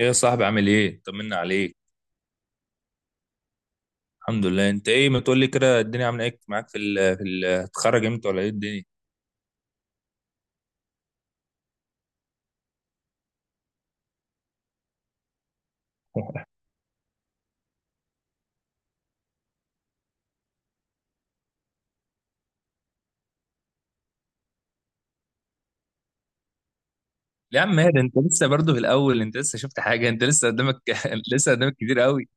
ايه يا صاحبي، عامل ايه؟ طمنا عليك. الحمد لله. انت ايه؟ ما تقول لي كده الدنيا عامله ايه معاك؟ في ال في ال هتتخرج امتى ولا ايه الدنيا؟ لا يا عم هادي، انت لسه برضه في الاول، انت لسه شفت حاجه، انت لسه قدامك. لسه قدامك كتير قوي.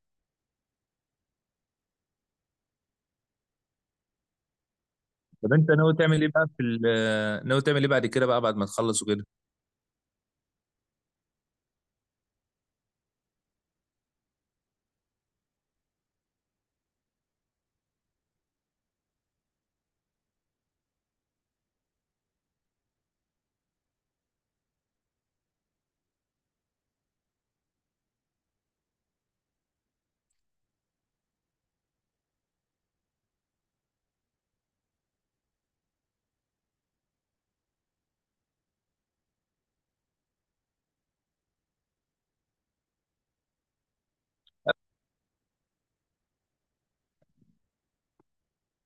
طب انت ناوي تعمل ايه بقى ناوي تعمل ايه بعد كده بقى، بعد ما تخلص وكده؟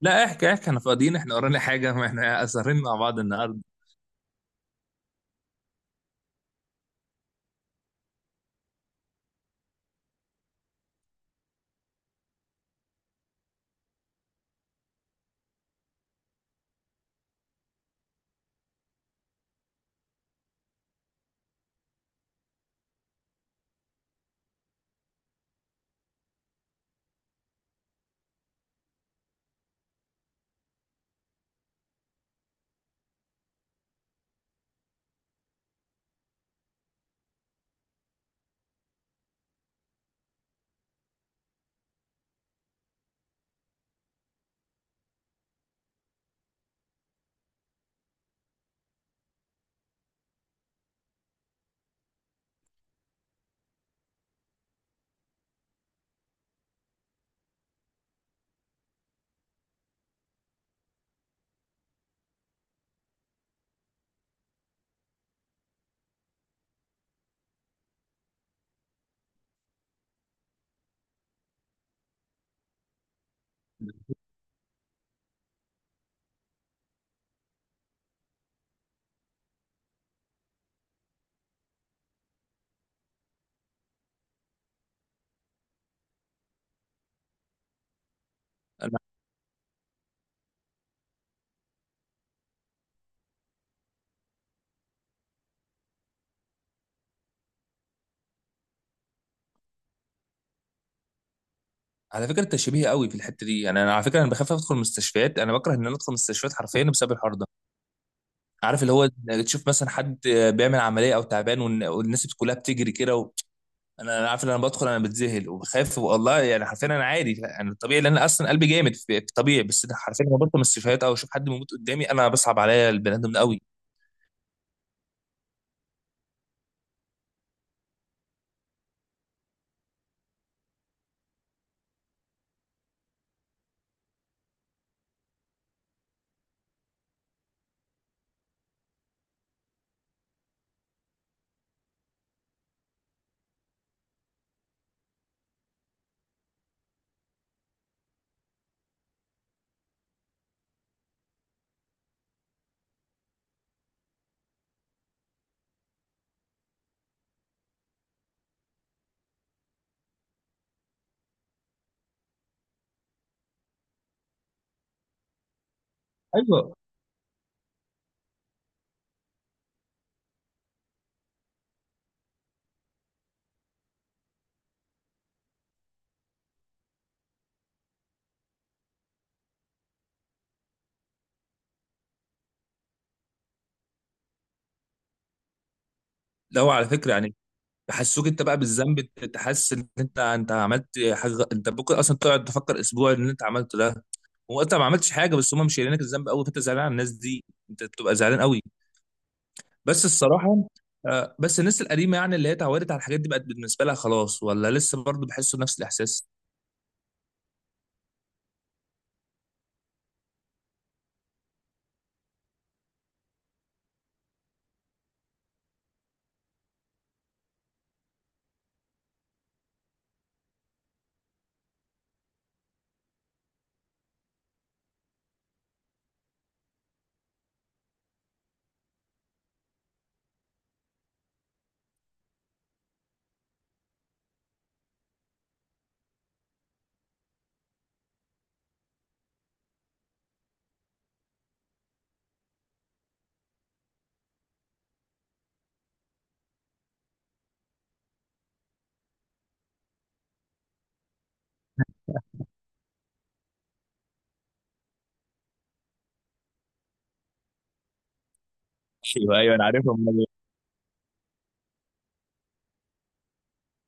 لا، احكي احكي، احنا فاضيين، احنا ورانا حاجه؟ ما احنا سهرين مع بعض النهارده. انا على فكره انت شبيه قوي في الحته دي، يعني انا على فكره انا بخاف ادخل مستشفيات، انا بكره ان انا ادخل مستشفيات حرفيا بسبب الحوار ده. عارف اللي هو تشوف مثلا حد بيعمل عمليه او تعبان والناس كلها بتجري كده و... انا عارف ان انا بدخل انا بتذهل وبخاف والله، يعني حرفيا انا عادي، يعني الطبيعي، لان أنا اصلا قلبي جامد في طبيعي، بس أنا حرفيا لما بدخل من السيفيهات او اشوف حد بيموت قدامي انا بصعب عليا البني ادم ده قوي. ايوه، لو على فكره، يعني بحسوك انت بقى بالذنب، أنت تحس ان انت عملت حاجه، انت ممكن اصلا تقعد تفكر اسبوع ان انت عملته ده، وانت ما عملتش حاجه، بس هم مش شايلينك الذنب قوي، فانت زعلان على الناس دي، انت بتبقى زعلان قوي. بس الصراحه بس الناس القديمه، يعني اللي هي اتعودت على الحاجات دي بقت بالنسبه لها خلاص، ولا لسه برضه بيحسوا نفس الاحساس؟ ايوه ايوه، انا عارفهم أنا.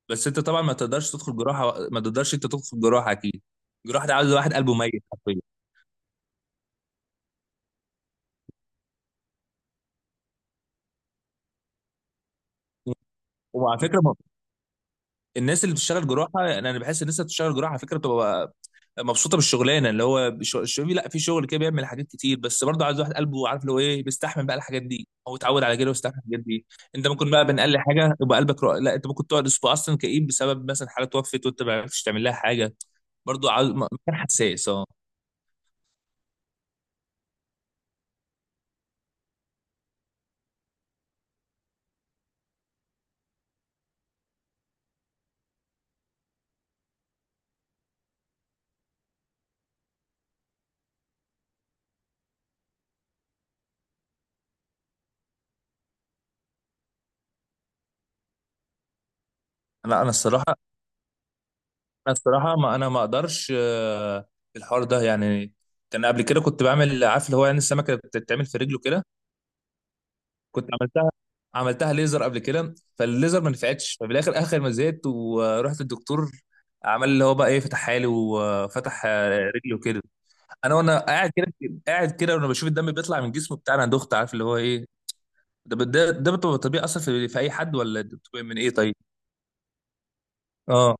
بس انت طبعا ما تقدرش تدخل جراحه، ما تقدرش انت تدخل جراحه اكيد، جراحه ده عاوز واحد قلبه ميت حرفيا. وعلى فكره الناس اللي بتشتغل جراحه، يعني انا بحس الناس اللي بتشتغل جراحه على فكره بتبقى مبسوطه بالشغلانه، اللي هو الشباب، لا في شغل كده بيعمل حاجات كتير، بس برضه عايز واحد قلبه عارف اللي هو ايه، بيستحمل بقى الحاجات دي او اتعود على كده ويستحمل الحاجات دي. انت ممكن بقى بين اقل حاجه يبقى قلبك رق... لا، انت ممكن تقعد اسبوع اصلا كئيب بسبب مثلا حاله توفت وانت ما عرفتش تعمل لها حاجه. برضه عاوز مكان حساس، اه. لا انا الصراحه، انا الصراحه، ما انا ما اقدرش، في الحوار ده يعني. كان قبل كده كنت بعمل، عارف اللي هو، يعني السمكه بتتعمل في رجله كده. كنت عملتها، عملتها ليزر قبل كده، فالليزر ما نفعتش، ففي الاخر اخر ما زهقت ورحت الدكتور. عمل اللي هو بقى ايه، فتحها لي وفتح رجلي وكده. انا وانا قاعد كده، قاعد كده وانا بشوف الدم بيطلع من جسمه بتاع، انا دخت، عارف اللي هو ايه، ده بتبقى طبيعي اصلا في اي حد، ولا ده بتبقى من ايه طيب؟ اه.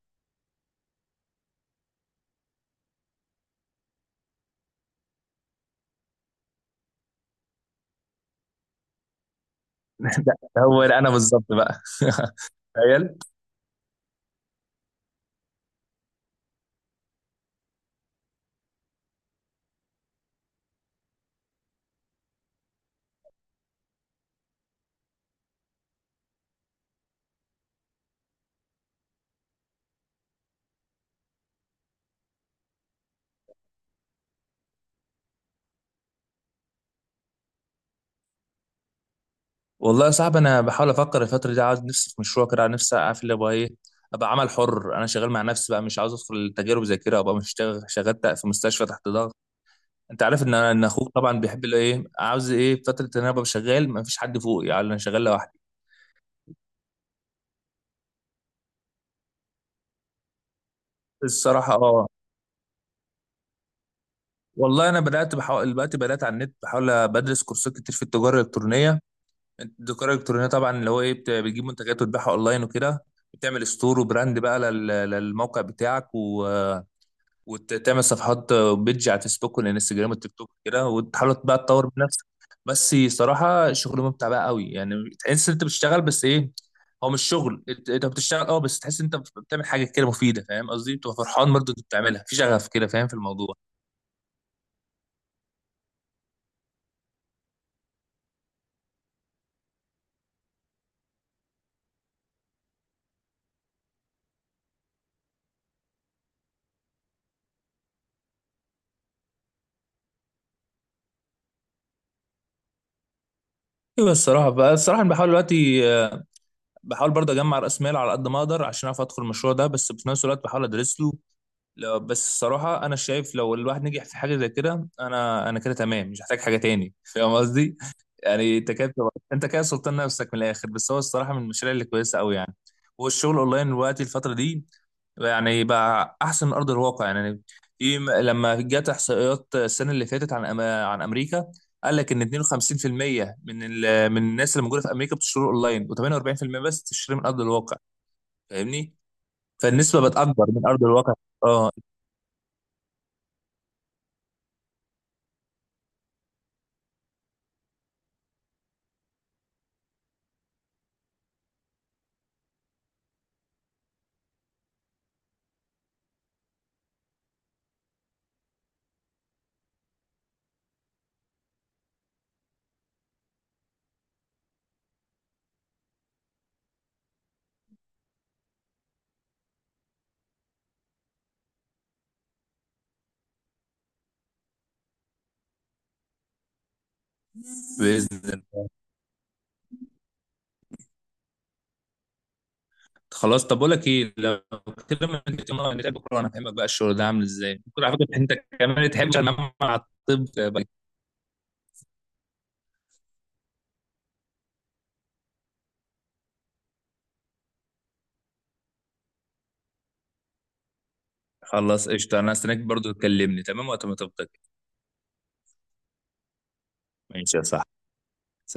ده هو انا بالظبط بقى. تخيل. والله يا صاحبي، انا بحاول افكر الفتره دي، عاوز نفسي في مشروع كده، عاوز نفسي عارف اللي هو ايه، ابقى عمل حر، انا شغال مع نفسي بقى، مش عاوز ادخل تجارب زي كده، ابقى مش شغال، شغال في مستشفى تحت ضغط. انت عارف ان انا، ان اخوك طبعا بيحب اللي ايه، عاوز ايه فتره ان انا ابقى شغال ما فيش حد فوقي، يعني انا شغال لوحدي. الصراحه اه، والله انا بدات بحاول دلوقتي، بدات على النت بحاول بدرس كورسات كتير في التجاره الالكترونيه. التجاره الالكترونيه طبعا اللي هو ايه، بتجيب منتجات وتبيعها اونلاين وكده، بتعمل ستور وبراند بقى للموقع بتاعك، و وتعمل صفحات بيدج على الفيسبوك والانستجرام والتيك توك كده، وتحاول بقى تطور من نفسك. بس صراحه شغل ممتع بقى قوي يعني، تحس ان انت بتشتغل بس ايه، هو مش شغل انت، أنت بتشتغل اه، بس تحس ان انت بتعمل حاجه كده مفيده، فاهم قصدي؟ بتبقى فرحان برضو انت بتعملها في شغف كده، فاهم في الموضوع؟ ايوه الصراحه بقى، الصراحه انا بحاول دلوقتي بحاول برضه اجمع راس مال على قد ما اقدر عشان اعرف ادخل المشروع ده، بس في نفس الوقت بحاول ادرس له. بس الصراحه انا شايف لو الواحد نجح في حاجه زي كده انا كده تمام، مش محتاج حاجه تاني، فاهم قصدي؟ يعني انت كده انت كده سلطان نفسك من الاخر، بس هو الصراحه من المشاريع اللي كويسه قوي يعني، والشغل اونلاين دلوقتي الفتره دي يعني بقى احسن من ارض الواقع يعني. في لما جت احصائيات السنه اللي فاتت عن عن امريكا، قال لك ان 52% من الناس اللي موجوده في امريكا بتشتري اونلاين، و48% بس بتشتري من ارض الواقع، فاهمني؟ فالنسبه بتكبر من ارض الواقع. اه، باذن الله. خلاص طب بقول لك ايه، لو كده ما نتقابل مرة- نتقابل بكره وانا افهمك بقى الشغل ده عامل ازاي. بكره على فكره انت كمان تحب تنام مع الطب بقى. خلاص قشطه، انا هستناك برضو، تكلمني تمام وقت ما تفضى. ماشي يا صاحبي، سلام.